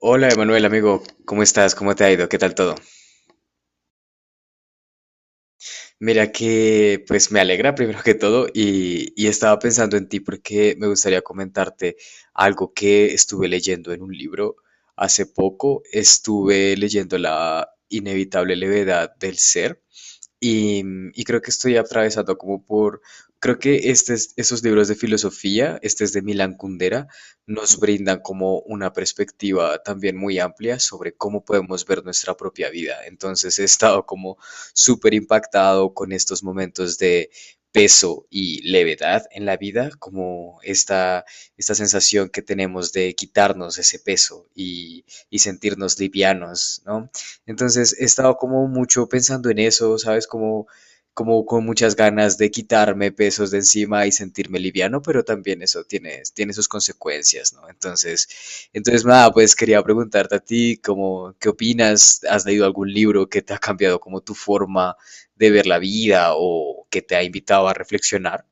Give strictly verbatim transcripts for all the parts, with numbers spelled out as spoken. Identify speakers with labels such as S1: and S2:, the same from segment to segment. S1: Hola Emanuel, amigo, ¿cómo estás? ¿Cómo te ha ido? ¿Qué tal todo? Mira que pues me alegra primero que todo y, y estaba pensando en ti porque me gustaría comentarte algo que estuve leyendo en un libro hace poco. Estuve leyendo La inevitable levedad del ser. Y, y creo que estoy atravesado como por, creo que estos, esos libros de filosofía, este es de Milan Kundera, nos brindan como una perspectiva también muy amplia sobre cómo podemos ver nuestra propia vida. Entonces he estado como súper impactado con estos momentos de peso y levedad en la vida, como esta, esta sensación que tenemos de quitarnos ese peso y, y sentirnos livianos, ¿no? Entonces he estado como mucho pensando en eso, ¿sabes? Como, como con muchas ganas de quitarme pesos de encima y sentirme liviano, pero también eso tiene, tiene sus consecuencias, ¿no? Entonces, entonces nada, pues quería preguntarte a ti, como, ¿qué opinas? ¿Has leído algún libro que te ha cambiado como tu forma de ver la vida o que te ha invitado a reflexionar?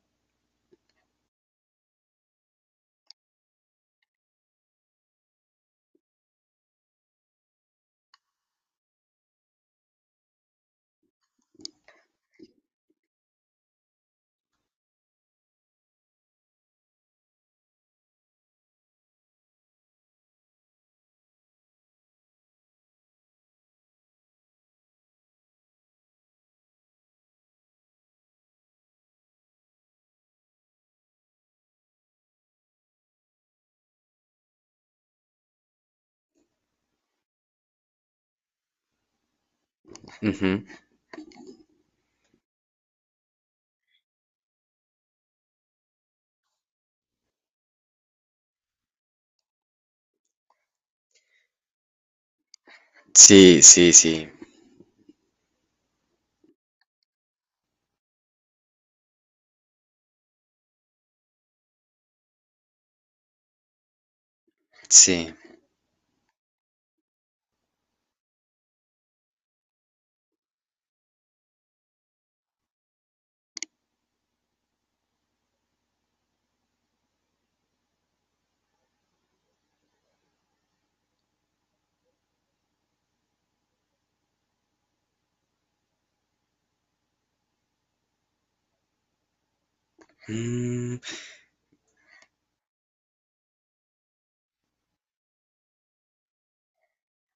S1: Ujú. Sí, sí, sí, sí. Mm,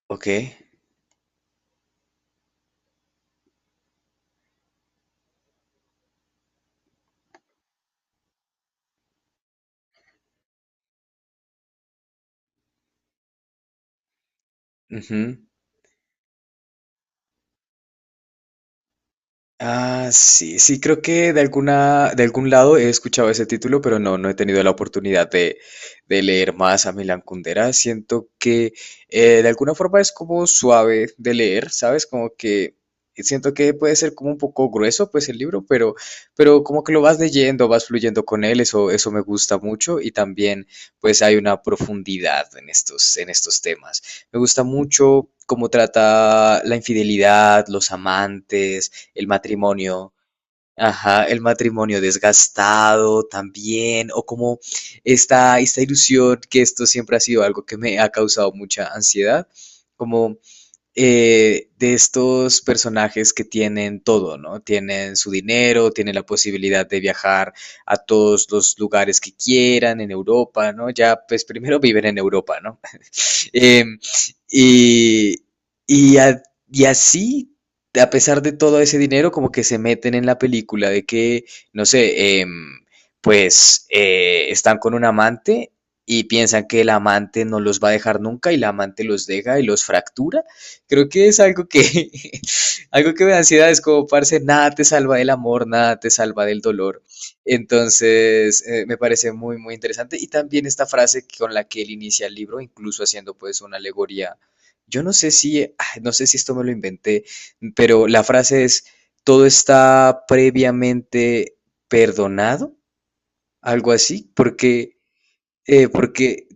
S1: ok. Ujú. Ah, sí, sí, creo que de alguna, de algún lado he escuchado ese título, pero no, no he tenido la oportunidad de, de leer más a Milan Kundera. Siento que eh, de alguna forma es como suave de leer, ¿sabes? Como que siento que puede ser como un poco grueso, pues el libro, pero, pero como que lo vas leyendo, vas fluyendo con él, eso, eso me gusta mucho y también pues hay una profundidad en estos, en estos temas. Me gusta mucho cómo trata la infidelidad, los amantes, el matrimonio. Ajá, el matrimonio desgastado también, o como esta, esta ilusión, que esto siempre ha sido algo que me ha causado mucha ansiedad, como eh, de estos personajes que tienen todo, ¿no? Tienen su dinero, tienen la posibilidad de viajar a todos los lugares que quieran en Europa, ¿no? Ya, pues primero viven en Europa, ¿no? Eh, y, y, a- y así, a pesar de todo ese dinero, como que se meten en la película de que, no sé, em, pues eh, están con un amante y piensan que el amante no los va a dejar nunca y el amante los deja y los fractura. Creo que es algo que, algo que me da ansiedad, es como, parce, nada te salva del amor, nada te salva del dolor. Entonces, eh, me parece muy, muy interesante. Y también esta frase con la que él inicia el libro, incluso haciendo pues una alegoría. Yo no sé si, ah, no sé si esto me lo inventé, pero la frase es, todo está previamente perdonado, algo así, porque, eh, porque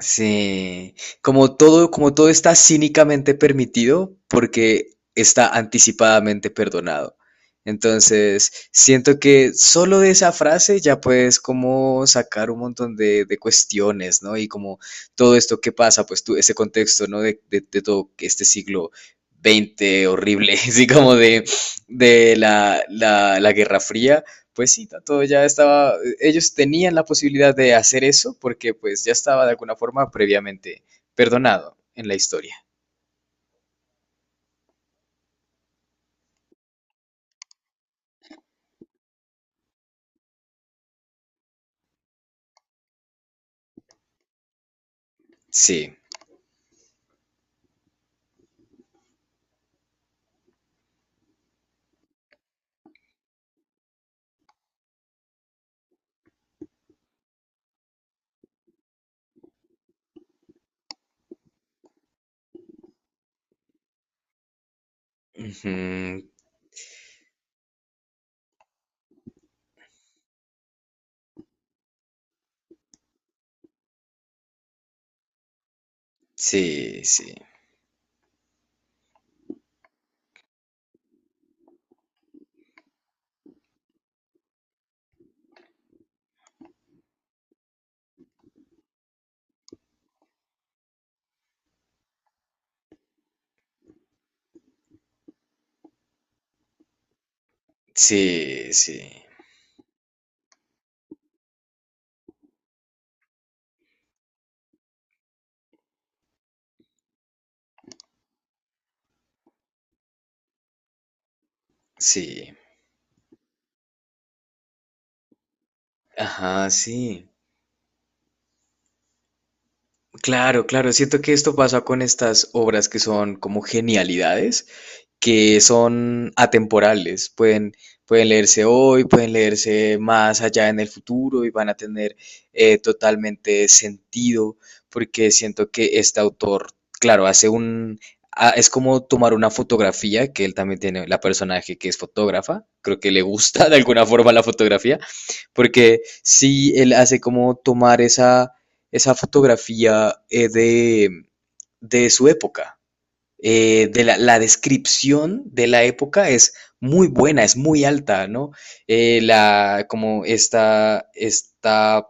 S1: sí, como todo, como todo está cínicamente permitido porque está anticipadamente perdonado. Entonces, siento que solo de esa frase ya puedes como sacar un montón de, de cuestiones, ¿no? Y como todo esto que pasa, pues tú, ese contexto, ¿no? De, de, de todo este siglo veinte horrible, así como de, de la, la, la Guerra Fría, pues sí, todo ya estaba, ellos tenían la posibilidad de hacer eso porque pues ya estaba de alguna forma previamente perdonado en la historia. Sí, ujú, sí, sí, sí, sí, sí, ajá, sí. Claro, claro, siento que esto pasa con estas obras que son como genialidades, que son atemporales, pueden, pueden leerse hoy, pueden leerse más allá en el futuro y van a tener eh, totalmente sentido, porque siento que este autor, claro, hace un... ah, es como tomar una fotografía, que él también tiene, la personaje que es fotógrafa, creo que le gusta de alguna forma la fotografía, porque sí, él hace como tomar esa, esa fotografía eh, de, de su época, eh, de la, la descripción de la época es muy buena, es muy alta, ¿no? Eh, la, como esta, esta,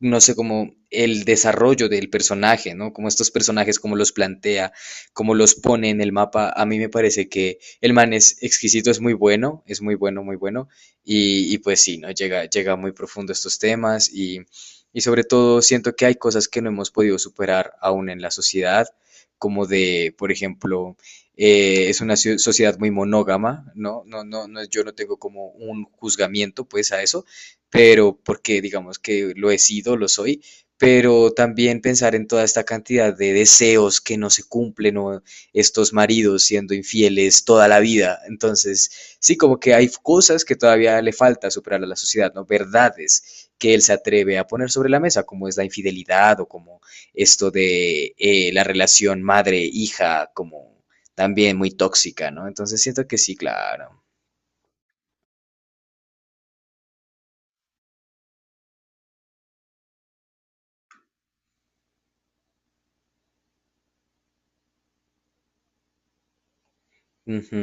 S1: no sé, como el desarrollo del personaje, ¿no? Como estos personajes, como los plantea, como los pone en el mapa. A mí me parece que el man es exquisito, es muy bueno, es muy bueno, muy bueno. Y, y pues sí, ¿no? Llega, llega muy profundo a estos temas y, y sobre todo siento que hay cosas que no hemos podido superar aún en la sociedad, como de, por ejemplo, eh, es una ciu- sociedad muy monógama, ¿no? No, no, no, yo no tengo como un juzgamiento pues a eso, pero porque digamos que lo he sido, lo soy, pero también pensar en toda esta cantidad de deseos que no se cumplen o estos maridos siendo infieles toda la vida. Entonces, sí, como que hay cosas que todavía le falta superar a la sociedad, ¿no? Verdades que él se atreve a poner sobre la mesa, como es la infidelidad o como esto de eh, la relación madre-hija, como también muy tóxica, ¿no? Entonces siento que sí, claro. Ujú.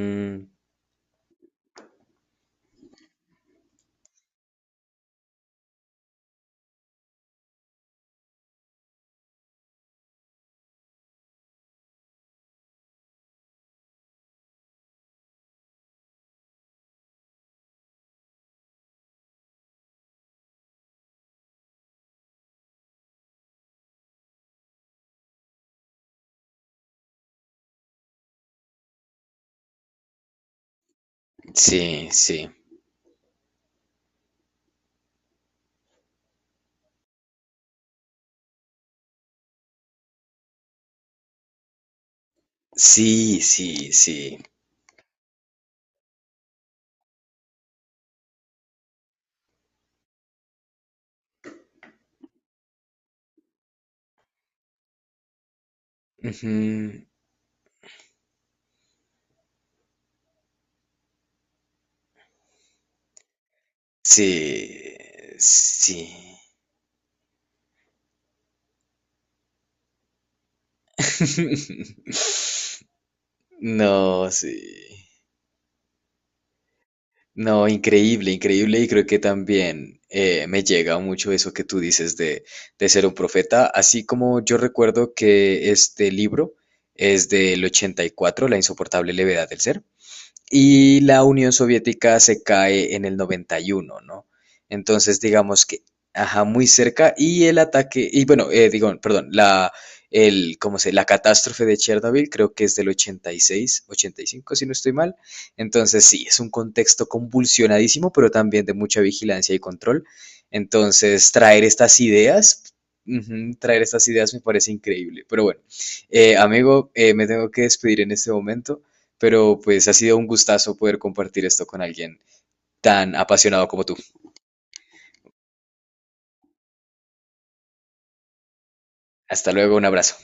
S1: Sí, sí. Sí, sí, sí. Ujú. Sí, sí. No, sí. No, increíble, increíble. Y creo que también eh, me llega mucho eso que tú dices de, de ser un profeta. Así como yo recuerdo que este libro es del ochenta y cuatro, La insoportable levedad del ser. Y la Unión Soviética se cae en el noventa y uno, ¿no? Entonces, digamos que, ajá, muy cerca. Y el ataque, y bueno, eh, digo, perdón, la, el, ¿cómo se? La catástrofe de Chernobyl creo que es del ochenta y seis, ochenta y cinco, si no estoy mal. Entonces, sí, es un contexto convulsionadísimo, pero también de mucha vigilancia y control. Entonces, traer estas ideas, ujú, traer estas ideas me parece increíble. Pero bueno, eh, amigo, eh, me tengo que despedir en este momento, pero pues ha sido un gustazo poder compartir esto con alguien tan apasionado como tú. Hasta luego, un abrazo.